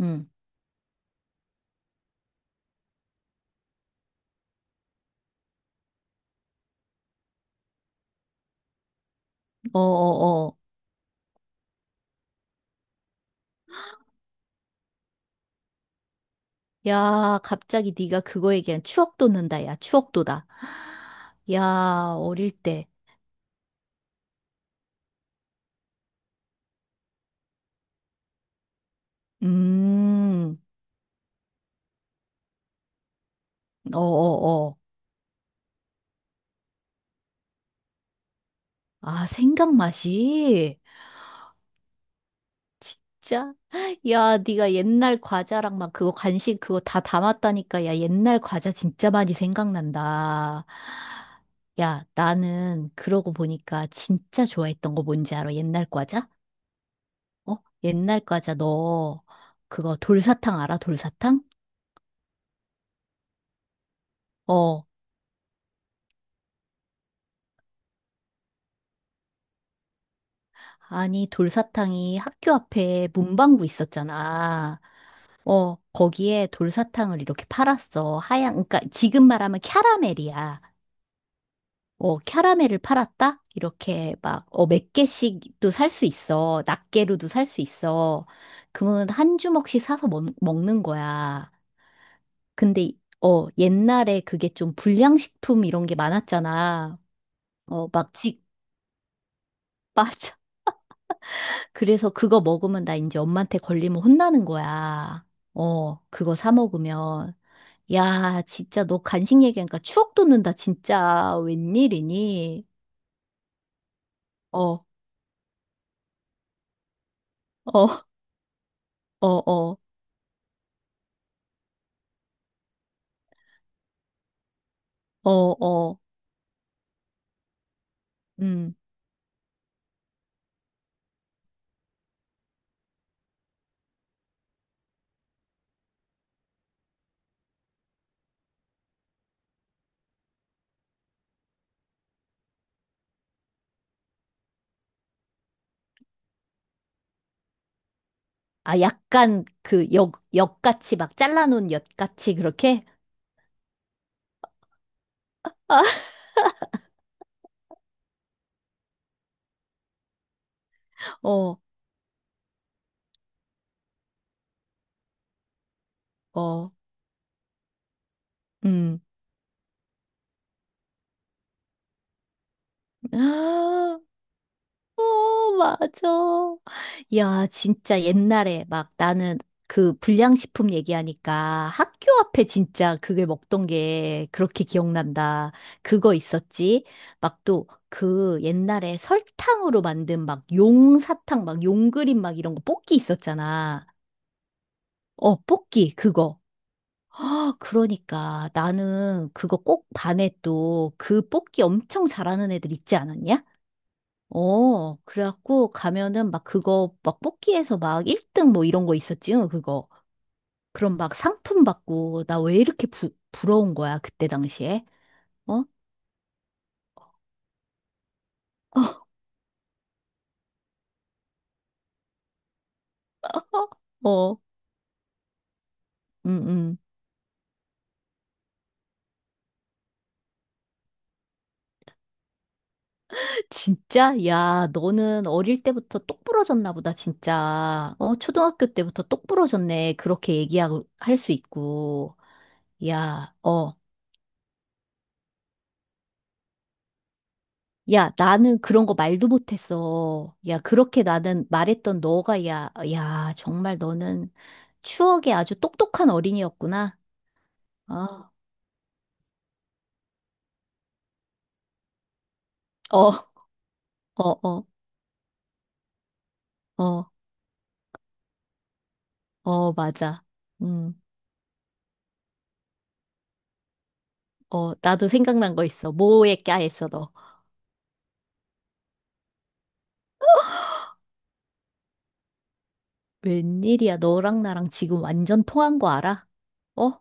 응. 어, 어, 어. 야, 갑자기 네가 그거 얘기한 추억 돋는다. 야, 추억 돋아. 야, 어릴 때. 음. 어, 어, 어. 아, 생강 맛이. 진짜. 야, 네가 옛날 과자랑 막 그거 간식 그거 다 담았다니까. 야, 옛날 과자 진짜 많이 생각난다. 야, 나는 그러고 보니까 진짜 좋아했던 거 뭔지 알아? 옛날 과자? 어? 옛날 과자 너 그거 돌사탕 알아? 돌사탕? 어, 아니, 돌사탕이 학교 앞에 문방구 있었잖아. 어, 거기에 돌사탕을 이렇게 팔았어. 하얀, 그러니까 지금 말하면 캬라멜이야. 어, 캬라멜을 팔았다? 이렇게 막, 몇 개씩도 살 수 있어. 낱개로도 살 수 있어. 그러면 한 주먹씩 사서 먹는 거야. 근데, 옛날에 그게 좀 불량식품 이런 게 많았잖아. 어, 막 맞아. 그래서 그거 먹으면 나 이제 엄마한테 걸리면 혼나는 거야. 어, 그거 사 먹으면. 야, 진짜 너 간식 얘기하니까 추억 돋는다, 진짜. 웬일이니? 어, 어, 어, 어, 어, 어. 음. 아, 약간 그 엿같이 막 잘라놓은 엿같이 그렇게? 어, 어, 음. 어, 맞아. 야, 진짜 옛날에 막 나는 그 불량식품 얘기하니까 학교 앞에 진짜 그게 먹던 게 그렇게 기억난다. 그거 있었지? 막 또 그 옛날에 설탕으로 만든 막 용사탕, 막 용그림 막 이런 거 뽑기 있었잖아. 어, 뽑기, 그거. 아, 그러니까 나는 그거 꼭 반에 또 그 뽑기 엄청 잘하는 애들 있지 않았냐? 어, 그래갖고 가면은 막 그거 막 뽑기에서 막 1등 뭐 이런 거 있었지, 요 그거. 그럼 막 상품 받고 나 왜 이렇게 부러운 거야, 그때 당시에? 어? 어, 응, 응. 진짜? 야, 너는 어릴 때부터 똑부러졌나 보다, 진짜. 어, 초등학교 때부터 똑부러졌네. 그렇게 얘기하고, 할 수 있고. 야, 어. 야, 나는 그런 거 말도 못했어. 야, 그렇게 나는 말했던 너가, 야, 야, 정말 너는 추억에 아주 똑똑한 어린이였구나. 아, 어, 어, 어, 어, 어, 맞아. 음, 나도 생각난 거 있어. 뭐에 까였어, 너. 웬일이야, 너랑 나랑 지금 완전 통한 거 알아? 어?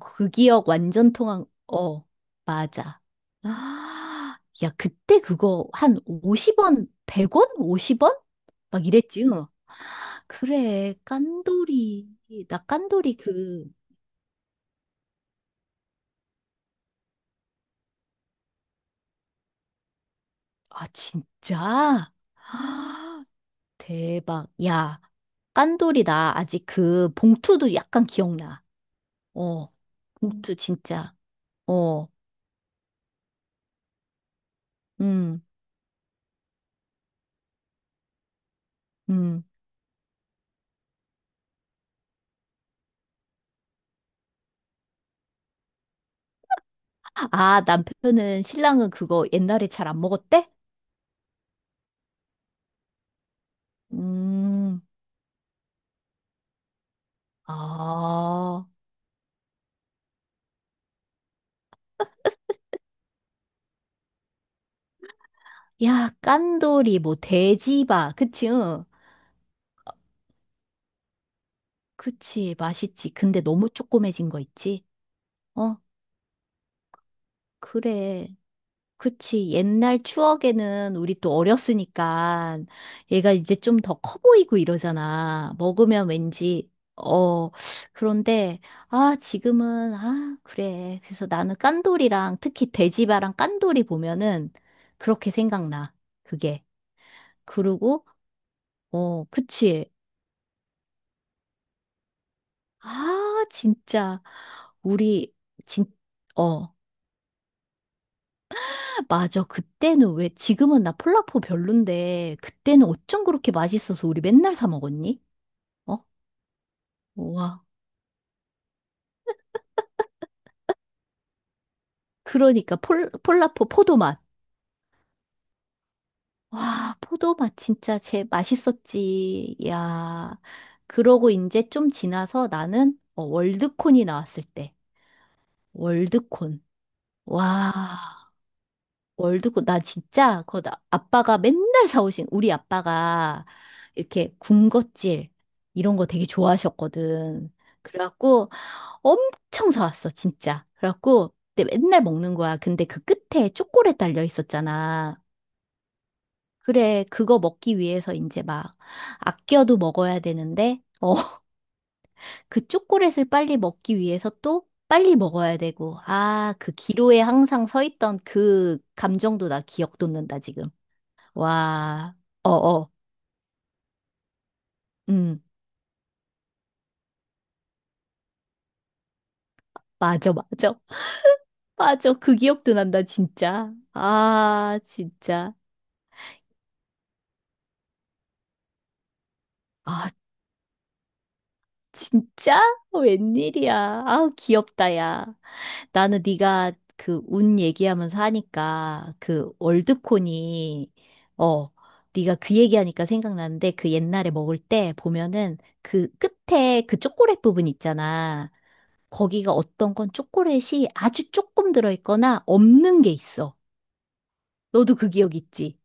그 기억 완전 통한, 어, 맞아. 아, 야, 그때 그거 한 50원, 100원? 50원? 막 이랬지. 응. 그래, 깐돌이. 나 깐돌이 그, 아, 진짜? 아, 대박. 야, 깐돌이 나 아직 그 봉투도 약간 기억나. 어, 봉투 진짜. 어, 음, 음. 아, 남편은, 신랑은 그거 옛날에 잘 안 먹었대? 음. 아, 야, 깐돌이, 뭐, 돼지바. 그치, 응. 그치, 맛있지. 근데 너무 쪼꼬매진 거 있지? 어, 그래. 그치. 옛날 추억에는 우리 또 어렸으니까 얘가 이제 좀 더 커 보이고 이러잖아. 먹으면 왠지, 어, 그런데, 아, 지금은, 아, 그래. 그래서 나는 깐돌이랑 특히 돼지바랑 깐돌이 보면은 그렇게 생각나. 그게. 그리고, 어, 그치. 아, 진짜. 우리, 진, 어. 아, 맞아. 그때는 왜, 지금은 나 폴라포 별론데, 그때는 어쩜 그렇게 맛있어서 우리 맨날 사 먹었니? 어? 와. 그러니까 폴라포 포도맛. 와, 포도맛 진짜 제 맛있었지. 야. 그러고 이제 좀 지나서 나는 월드콘이 나왔을 때. 월드콘. 와. 월드컵, 나 진짜, 그거 나- 아빠가 맨날 사오신, 우리 아빠가 이렇게 군것질, 이런 거 되게 좋아하셨거든. 그래갖고 엄청 사왔어, 진짜. 그래갖고 그때 맨날 먹는 거야. 근데 그 끝에 초콜릿 달려 있었잖아. 그래, 그거 먹기 위해서 이제 막 아껴도 먹어야 되는데, 그 초콜릿을 빨리 먹기 위해서 또 빨리 먹어야 되고, 아, 그 기로에 항상 서 있던 그 감정도 나 기억 돋는다, 지금. 와, 어어, 음, 맞아, 맞아. 맞아, 그 기억도 난다, 진짜. 아, 진짜. 아, 진짜? 웬일이야. 아우, 귀엽다, 야. 나는 네가 그 운 얘기하면서 하니까 그 월드콘이, 어, 네가 그 얘기하니까 생각나는데 그 옛날에 먹을 때 보면은 그 끝에 그 초콜릿 부분 있잖아. 거기가 어떤 건 초콜릿이 아주 조금 들어있거나 없는 게 있어. 너도 그 기억 있지?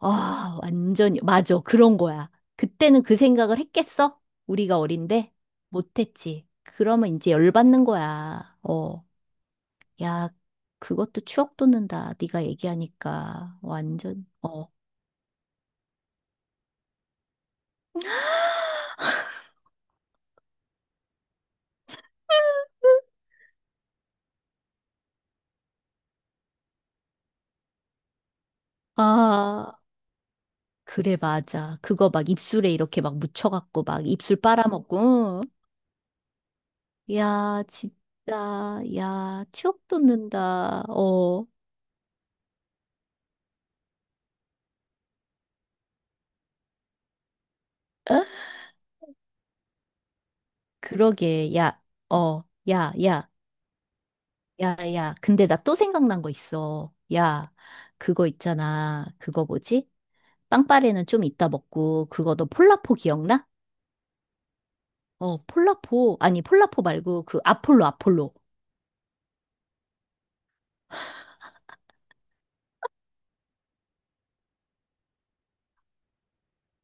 아, 완전, 맞아. 그런 거야. 그때는 그 생각을 했겠어? 우리가 어린데? 못했지. 그러면 이제 열받는 거야. 어, 야, 그것도 추억 돋는다. 네가 얘기하니까. 완전, 어. 아, 그래, 맞아. 그거 막 입술에 이렇게 막 묻혀갖고 막 입술 빨아먹고. 응. 야, 진짜. 야, 추억 돋는다. 어. 그러게, 야, 어, 야, 야. 야, 야, 근데 나 또 생각난 거 있어. 야, 그거 있잖아. 그거 뭐지? 빵빠레는 좀 이따 먹고, 그거 너 폴라포 기억나? 어, 폴라포. 아니, 폴라포 말고 그 아폴로, 아폴로.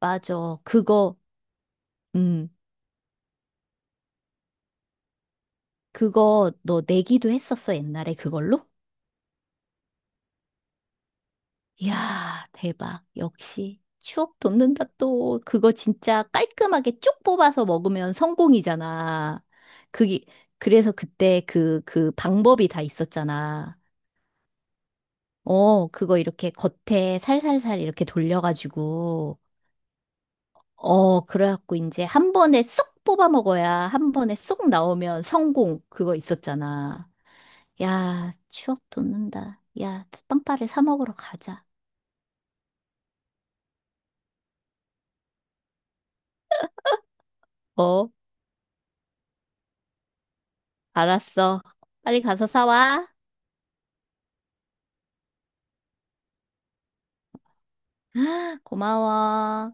맞아. 음, 그거 너 내기도 했었어, 옛날에 그걸로? 이야, 대박. 역시. 추억 돋는다 또. 그거 진짜 깔끔하게 쭉 뽑아서 먹으면 성공이잖아. 그게, 그래서 그때 그 방법이 다 있었잖아. 어, 그거 이렇게 겉에 살살살 이렇게 돌려가지고, 어, 그래갖고 이제 한 번에 쏙 뽑아 먹어야 한 번에 쏙 나오면 성공. 그거 있었잖아. 야, 추억 돋는다. 야, 빵빠레 사 먹으러 가자. 어, 알았어. 빨리 가서 사와. 고마워.